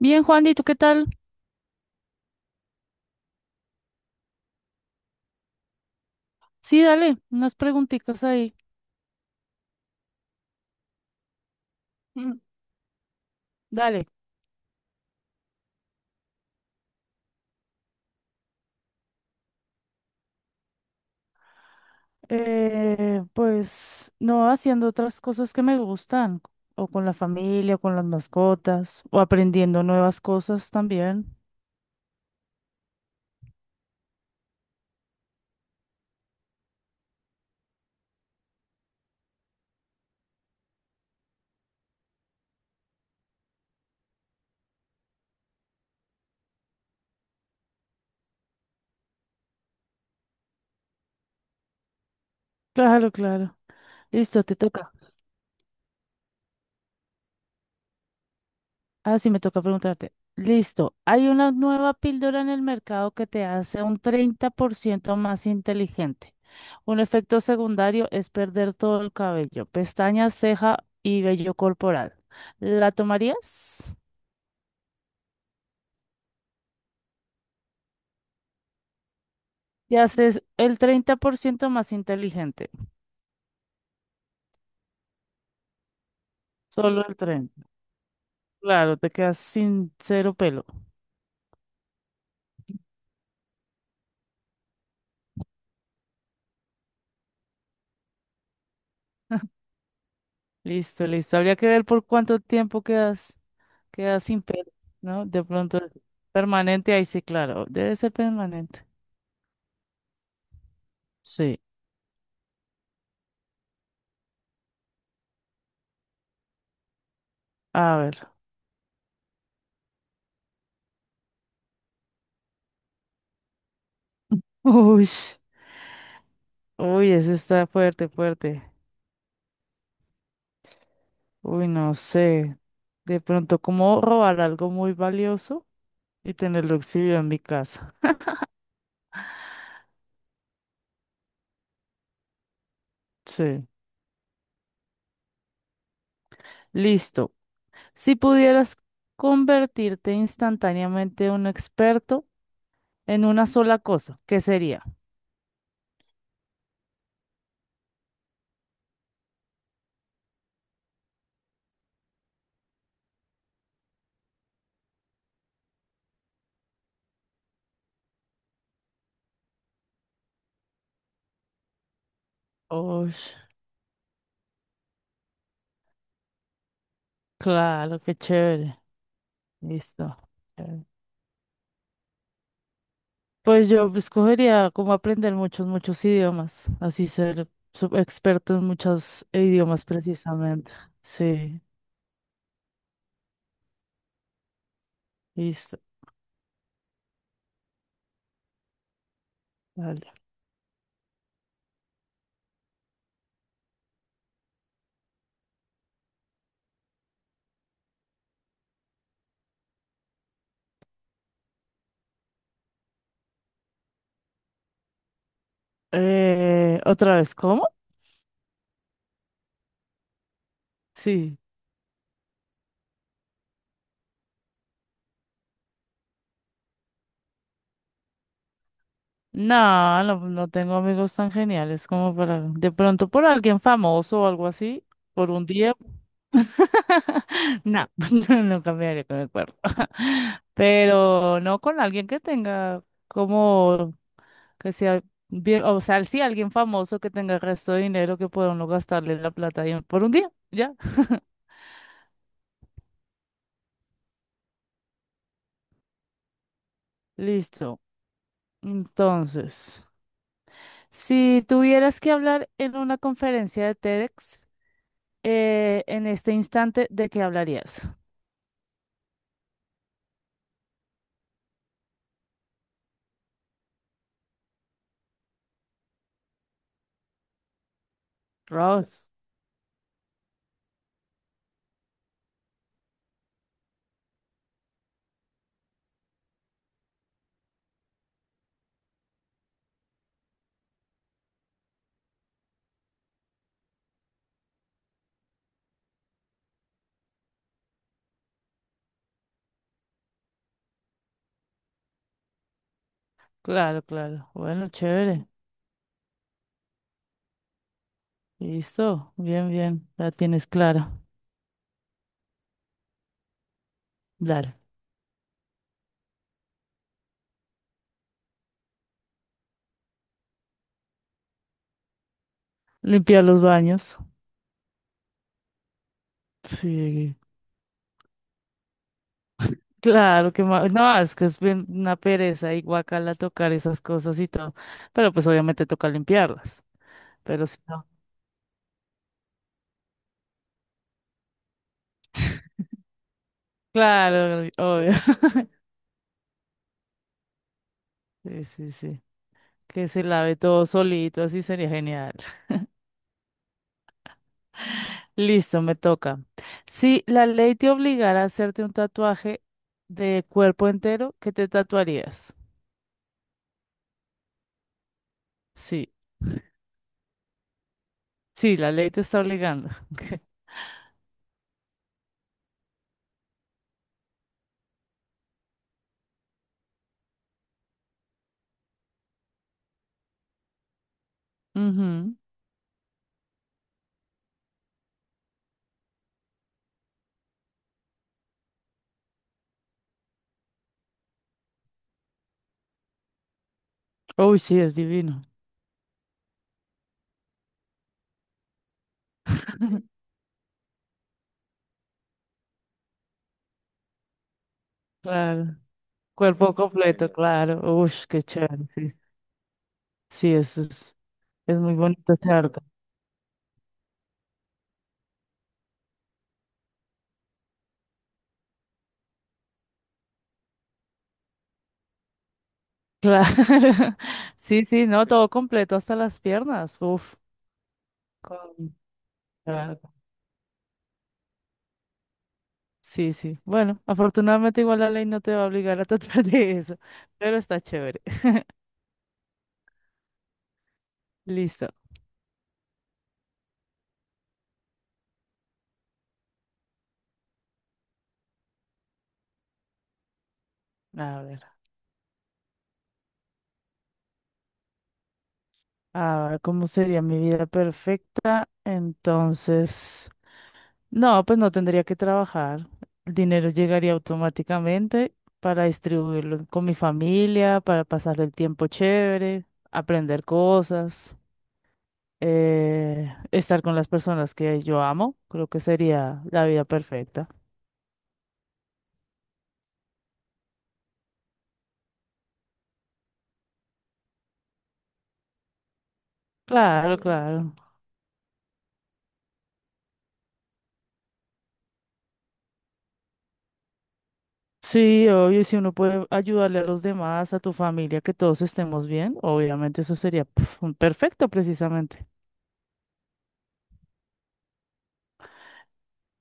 Bien, Juan, ¿y tú qué tal? Sí, dale, unas preguntitas ahí. Mm. Dale. Pues no haciendo otras cosas que me gustan, o con la familia, o con las mascotas, o aprendiendo nuevas cosas también. Claro, claro. Listo, te toca. Ah, sí, me toca preguntarte. Listo, hay una nueva píldora en el mercado que te hace un 30% más inteligente. Un efecto secundario es perder todo el cabello, pestañas, ceja y vello corporal. ¿La tomarías? Te haces el 30% más inteligente. Solo el 30. Claro, te quedas sin cero pelo. Listo, listo. Habría que ver por cuánto tiempo quedas, quedas sin pelo, ¿no? De pronto permanente, ahí sí, claro, debe ser permanente. Sí, a ver. Uy, uy, ese está fuerte, fuerte. Uy, no sé. De pronto, ¿cómo robar algo muy valioso y tenerlo exhibido en mi casa? Sí. Listo. Si pudieras convertirte instantáneamente en un experto en una sola cosa, ¿qué sería? Uy, claro, qué chévere. Listo. Pues yo escogería como aprender muchos, muchos idiomas, así ser sub- experto en muchos idiomas precisamente. Sí, listo, dale. ¿Otra vez cómo? Sí. No, no tengo amigos tan geniales como para, de pronto por alguien famoso o algo así, por un día. No, no cambiaría con el cuerpo. Pero no con alguien que tenga como. Que sea bien, o sea, sí, alguien famoso que tenga el resto de dinero que pueda uno gastarle la plata ahí por un día, ya. Listo. Entonces, si tuvieras que hablar en una conferencia de TEDx, en este instante, ¿de qué hablarías? Ross. Claro, claro. Bueno, chévere. Listo. Bien, bien. La tienes clara. Dale. Limpiar los baños. Sí, claro que ma- no, es que es bien una pereza y guacala tocar esas cosas y todo, pero pues obviamente toca limpiarlas, pero si no, claro, obvio. Sí, sí, sí. Que se lave todo solito, así sería genial. Listo, me toca. Si la ley te obligara a hacerte un tatuaje de cuerpo entero, ¿qué te tatuarías? Sí, sí, la ley te está obligando. Ujú. Uy, sí, es divino. Claro. Cuerpo completo, claro. Uy, qué chévere. Sí, eso es muy bonito ese arte. Claro. Sí, sí, no, todo completo hasta las piernas. Uf. Con- claro. Sí, sí. Bueno, afortunadamente igual la ley no te va a obligar a tratar de eso, pero está chévere. Listo. A ver, a ver, ¿cómo sería mi vida perfecta? Entonces, no, pues no tendría que trabajar. El dinero llegaría automáticamente para distribuirlo con mi familia, para pasar el tiempo chévere, aprender cosas. Estar con las personas que yo amo, creo que sería la vida perfecta. Claro, claro. Sí, obvio, y si uno puede ayudarle a los demás, a tu familia, que todos estemos bien, obviamente eso sería pf, un perfecto precisamente.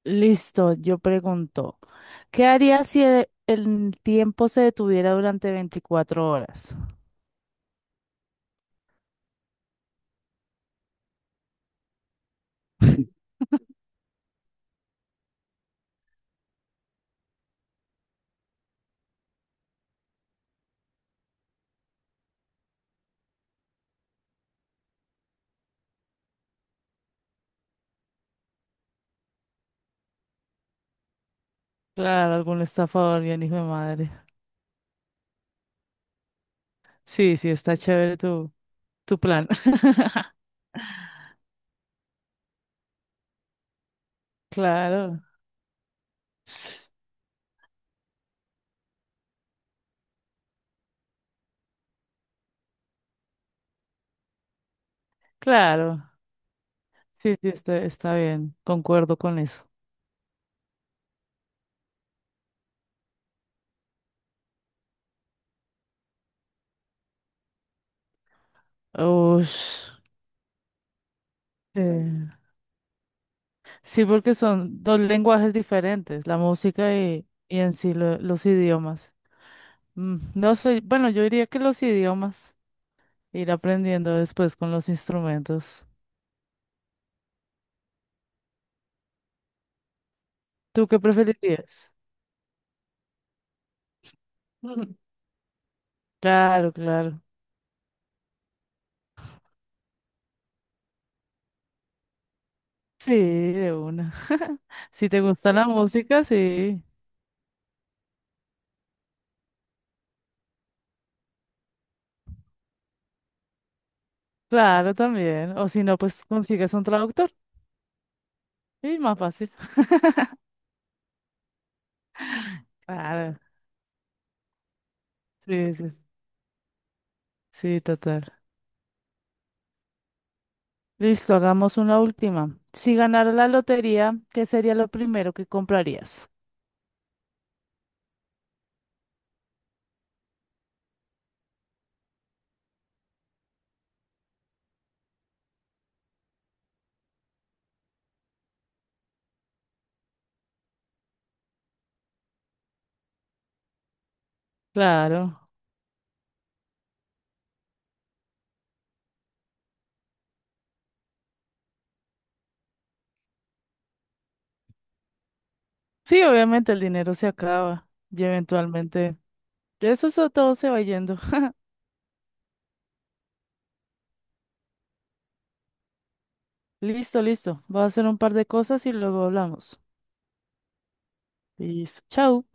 Listo, yo pregunto, ¿qué harías si el tiempo se detuviera durante 24 horas? Claro, algún estafador, bien hijo de madre. Sí, sí, está chévere tu, tu plan. Claro. Claro, sí, sí, está, está bien, concuerdo con eso. Ush, eh, sí, porque son dos lenguajes diferentes, la música y en sí lo- los idiomas. Mm, no sé, bueno, yo diría que los idiomas, ir aprendiendo después con los instrumentos. ¿Tú qué preferirías? Claro, claro. Sí, de una. Si te gusta la música, sí, claro, también. O si no, pues consigues un traductor y más fácil. Claro. Sí, sí, sí, total. Listo, hagamos una última. Si ganara la lotería, ¿qué sería lo primero que comprarías? Claro. Sí, obviamente el dinero se acaba y eventualmente eso, eso todo se va yendo. Listo, listo. Voy a hacer un par de cosas y luego hablamos. Listo. Chao.